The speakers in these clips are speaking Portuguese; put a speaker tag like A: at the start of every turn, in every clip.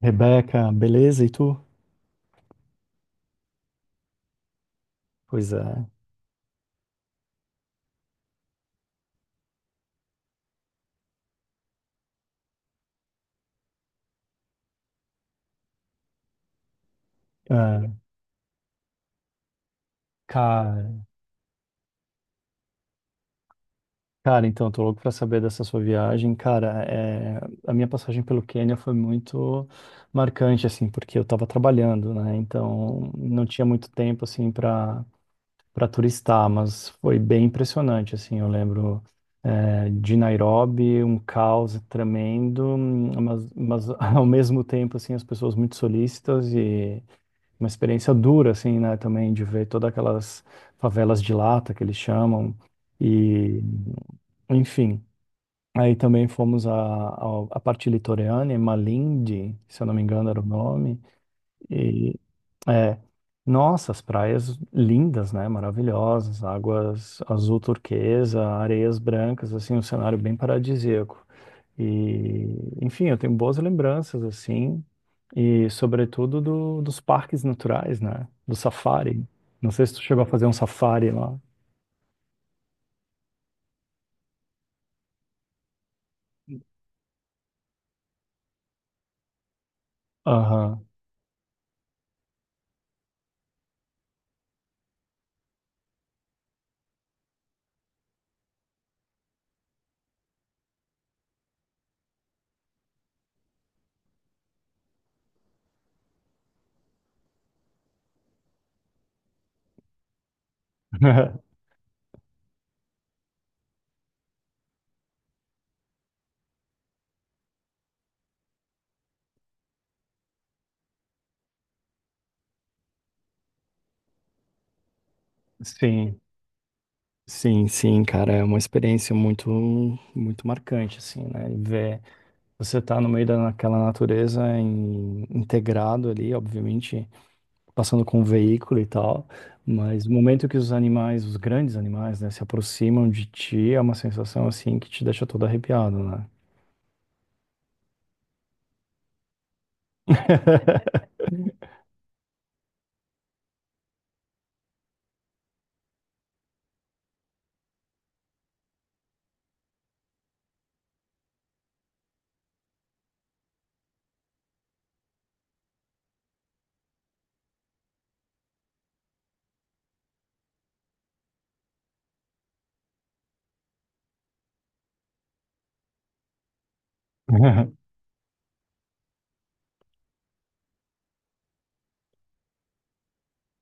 A: Rebeca, beleza? E tu? Pois é. É, cara, cara, então, tô louco pra saber dessa sua viagem. Cara, é, a minha passagem pelo Quênia foi muito marcante, assim, porque eu tava trabalhando, né? Então, não tinha muito tempo, assim, pra para turistar, mas foi bem impressionante, assim, eu lembro de Nairobi, um caos tremendo, mas ao mesmo tempo, assim, as pessoas muito solícitas e uma experiência dura, assim, né, também de ver todas aquelas favelas de lata que eles chamam e, enfim. Aí também fomos à parte litorânea, Malindi, se eu não me engano era o nome, e é, nossa, as praias lindas, né? Maravilhosas, águas azul turquesa, areias brancas, assim, um cenário bem paradisíaco. E, enfim, eu tenho boas lembranças, assim, e sobretudo dos parques naturais, né? Do safari. Não sei se tu chegou a fazer um safari lá. Aham. Sim, sim, sim, cara, é uma experiência muito, muito marcante, assim, né? E Ver Você está no meio daquela natureza integrado ali, obviamente, passando com o veículo e tal, mas no momento que os animais, os grandes animais, né, se aproximam de ti, é uma sensação assim que te deixa todo arrepiado, né?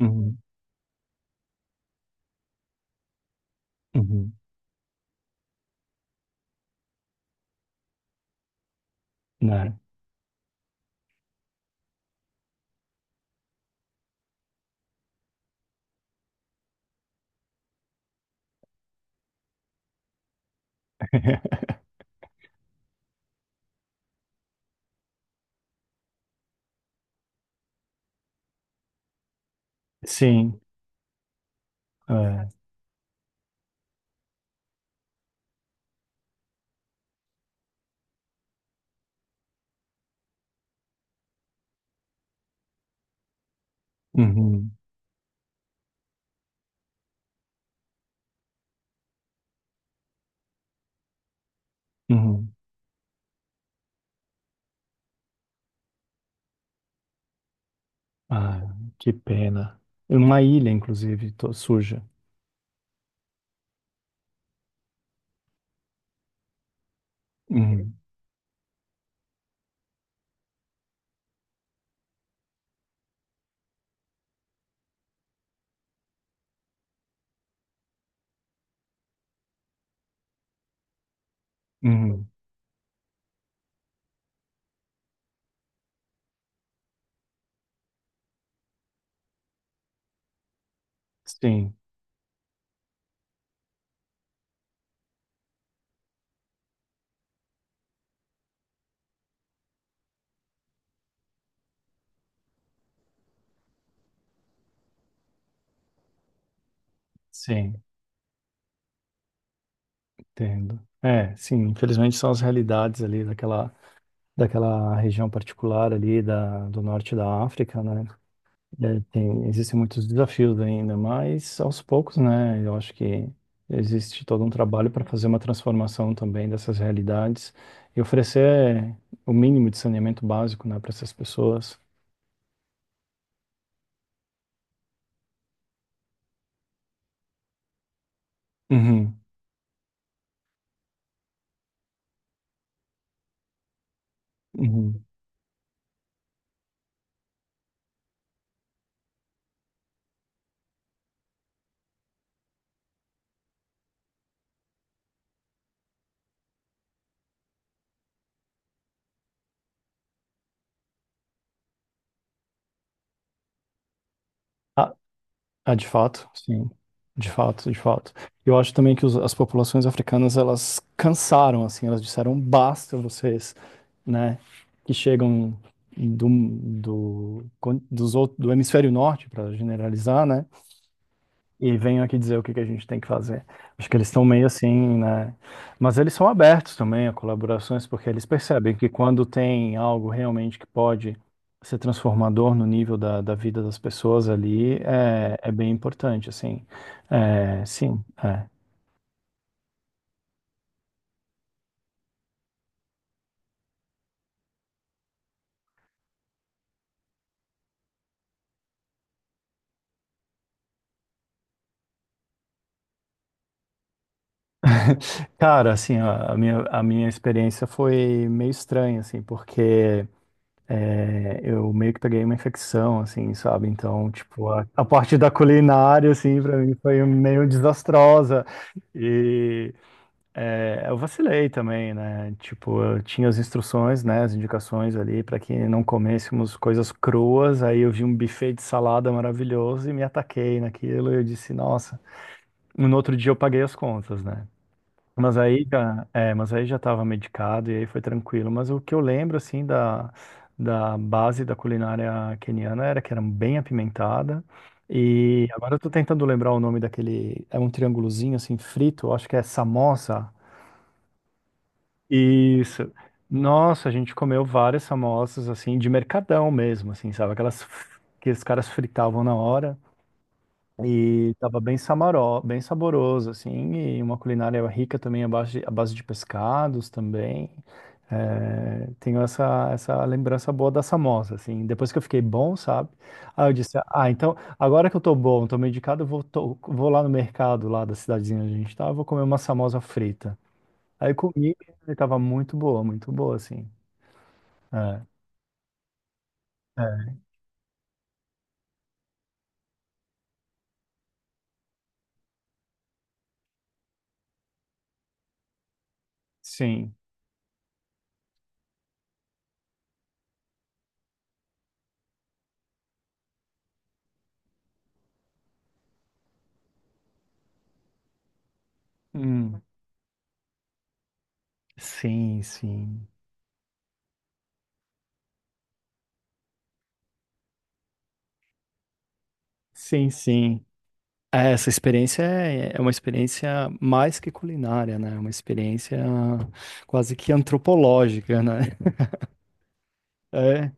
A: Uhum, uhum, né? Sim, é. Uhum, uhum. Ah, que pena. Uma ilha, inclusive, suja. Uhum, uhum. Sim, sim. Entendo. É, sim, infelizmente são as realidades ali daquela região particular ali do norte da África, né? É, existem muitos desafios ainda, mas aos poucos, né? Eu acho que existe todo um trabalho para fazer uma transformação também dessas realidades e oferecer o mínimo de saneamento básico, né, para essas pessoas. Uhum, uhum. A- Ah, de fato, sim. De fato, de fato. Eu acho também que as populações africanas, elas cansaram, assim, elas disseram, basta vocês, né, que chegam dos outros, do hemisfério norte, para generalizar, né, e venham aqui dizer o que que a gente tem que fazer. Acho que eles estão meio assim, né? Mas eles são abertos também a colaborações, porque eles percebem que quando tem algo realmente que pode ser transformador no nível da vida das pessoas ali, é bem importante, assim. É, sim, é. Cara, assim, a minha experiência foi meio estranha, assim, porque eu meio que peguei uma infecção, assim, sabe? Então, tipo, a parte da culinária, assim, pra mim foi meio desastrosa. E eu vacilei também, né? Tipo, eu tinha as instruções, né? As indicações ali para que não comêssemos coisas cruas. Aí eu vi um buffet de salada maravilhoso e me ataquei naquilo. E eu disse, nossa. No outro dia eu paguei as contas, né? Mas aí já estava medicado e aí foi tranquilo. Mas o que eu lembro, assim, da base da culinária queniana era que era bem apimentada. E agora eu tô tentando lembrar o nome daquele. É um triângulozinho, assim, frito, eu acho que é samosa. Isso. Nossa, a gente comeu várias samosas, assim, de mercadão mesmo, assim, sabe? Aquelas que os caras fritavam na hora. E tava bem bem saboroso, assim, e uma culinária rica também à base de pescados também. É, tenho essa, lembrança boa da Samosa, assim, depois que eu fiquei bom, sabe? Aí eu disse, ah, então, agora que eu tô bom, tô medicado, eu vou lá no mercado, lá da cidadezinha onde a gente tava, vou comer uma Samosa frita. Aí eu comi e tava muito boa, assim. É, é, sim. Hum, sim, sim. Sim, sim. É, essa experiência é uma experiência mais que culinária, né? É uma experiência quase que antropológica, né? É,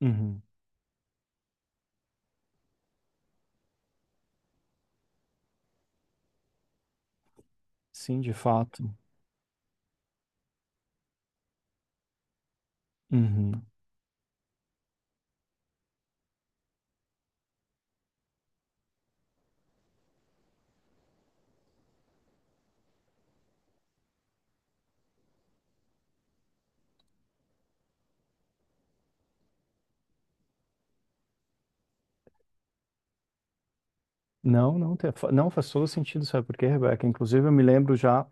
A: uhum. Sim, de fato. Uhum. Não, não, não faz todo sentido, sabe por quê, Rebeca? Inclusive, eu me lembro já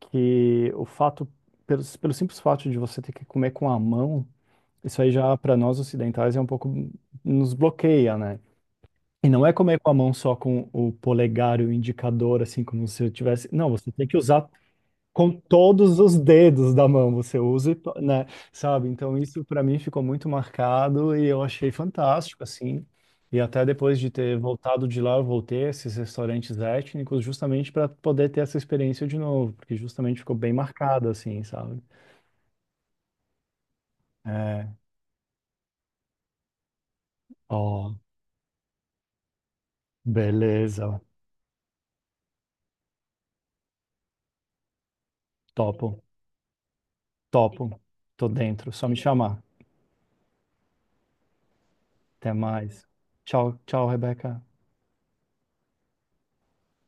A: que pelo simples fato de você ter que comer com a mão, isso aí já para nós ocidentais é um pouco, nos bloqueia, né? E não é comer com a mão só com o polegar e o indicador, assim, como se eu tivesse. Não, você tem que usar com todos os dedos da mão você usa, né? Sabe? Então isso para mim ficou muito marcado e eu achei fantástico assim. E até depois de ter voltado de lá, eu voltei a esses restaurantes étnicos justamente para poder ter essa experiência de novo, porque justamente ficou bem marcado assim, sabe? É, ó, beleza. Topo, topo. Tô dentro, só me chamar. Até mais. Tchau, tchau, Rebeca.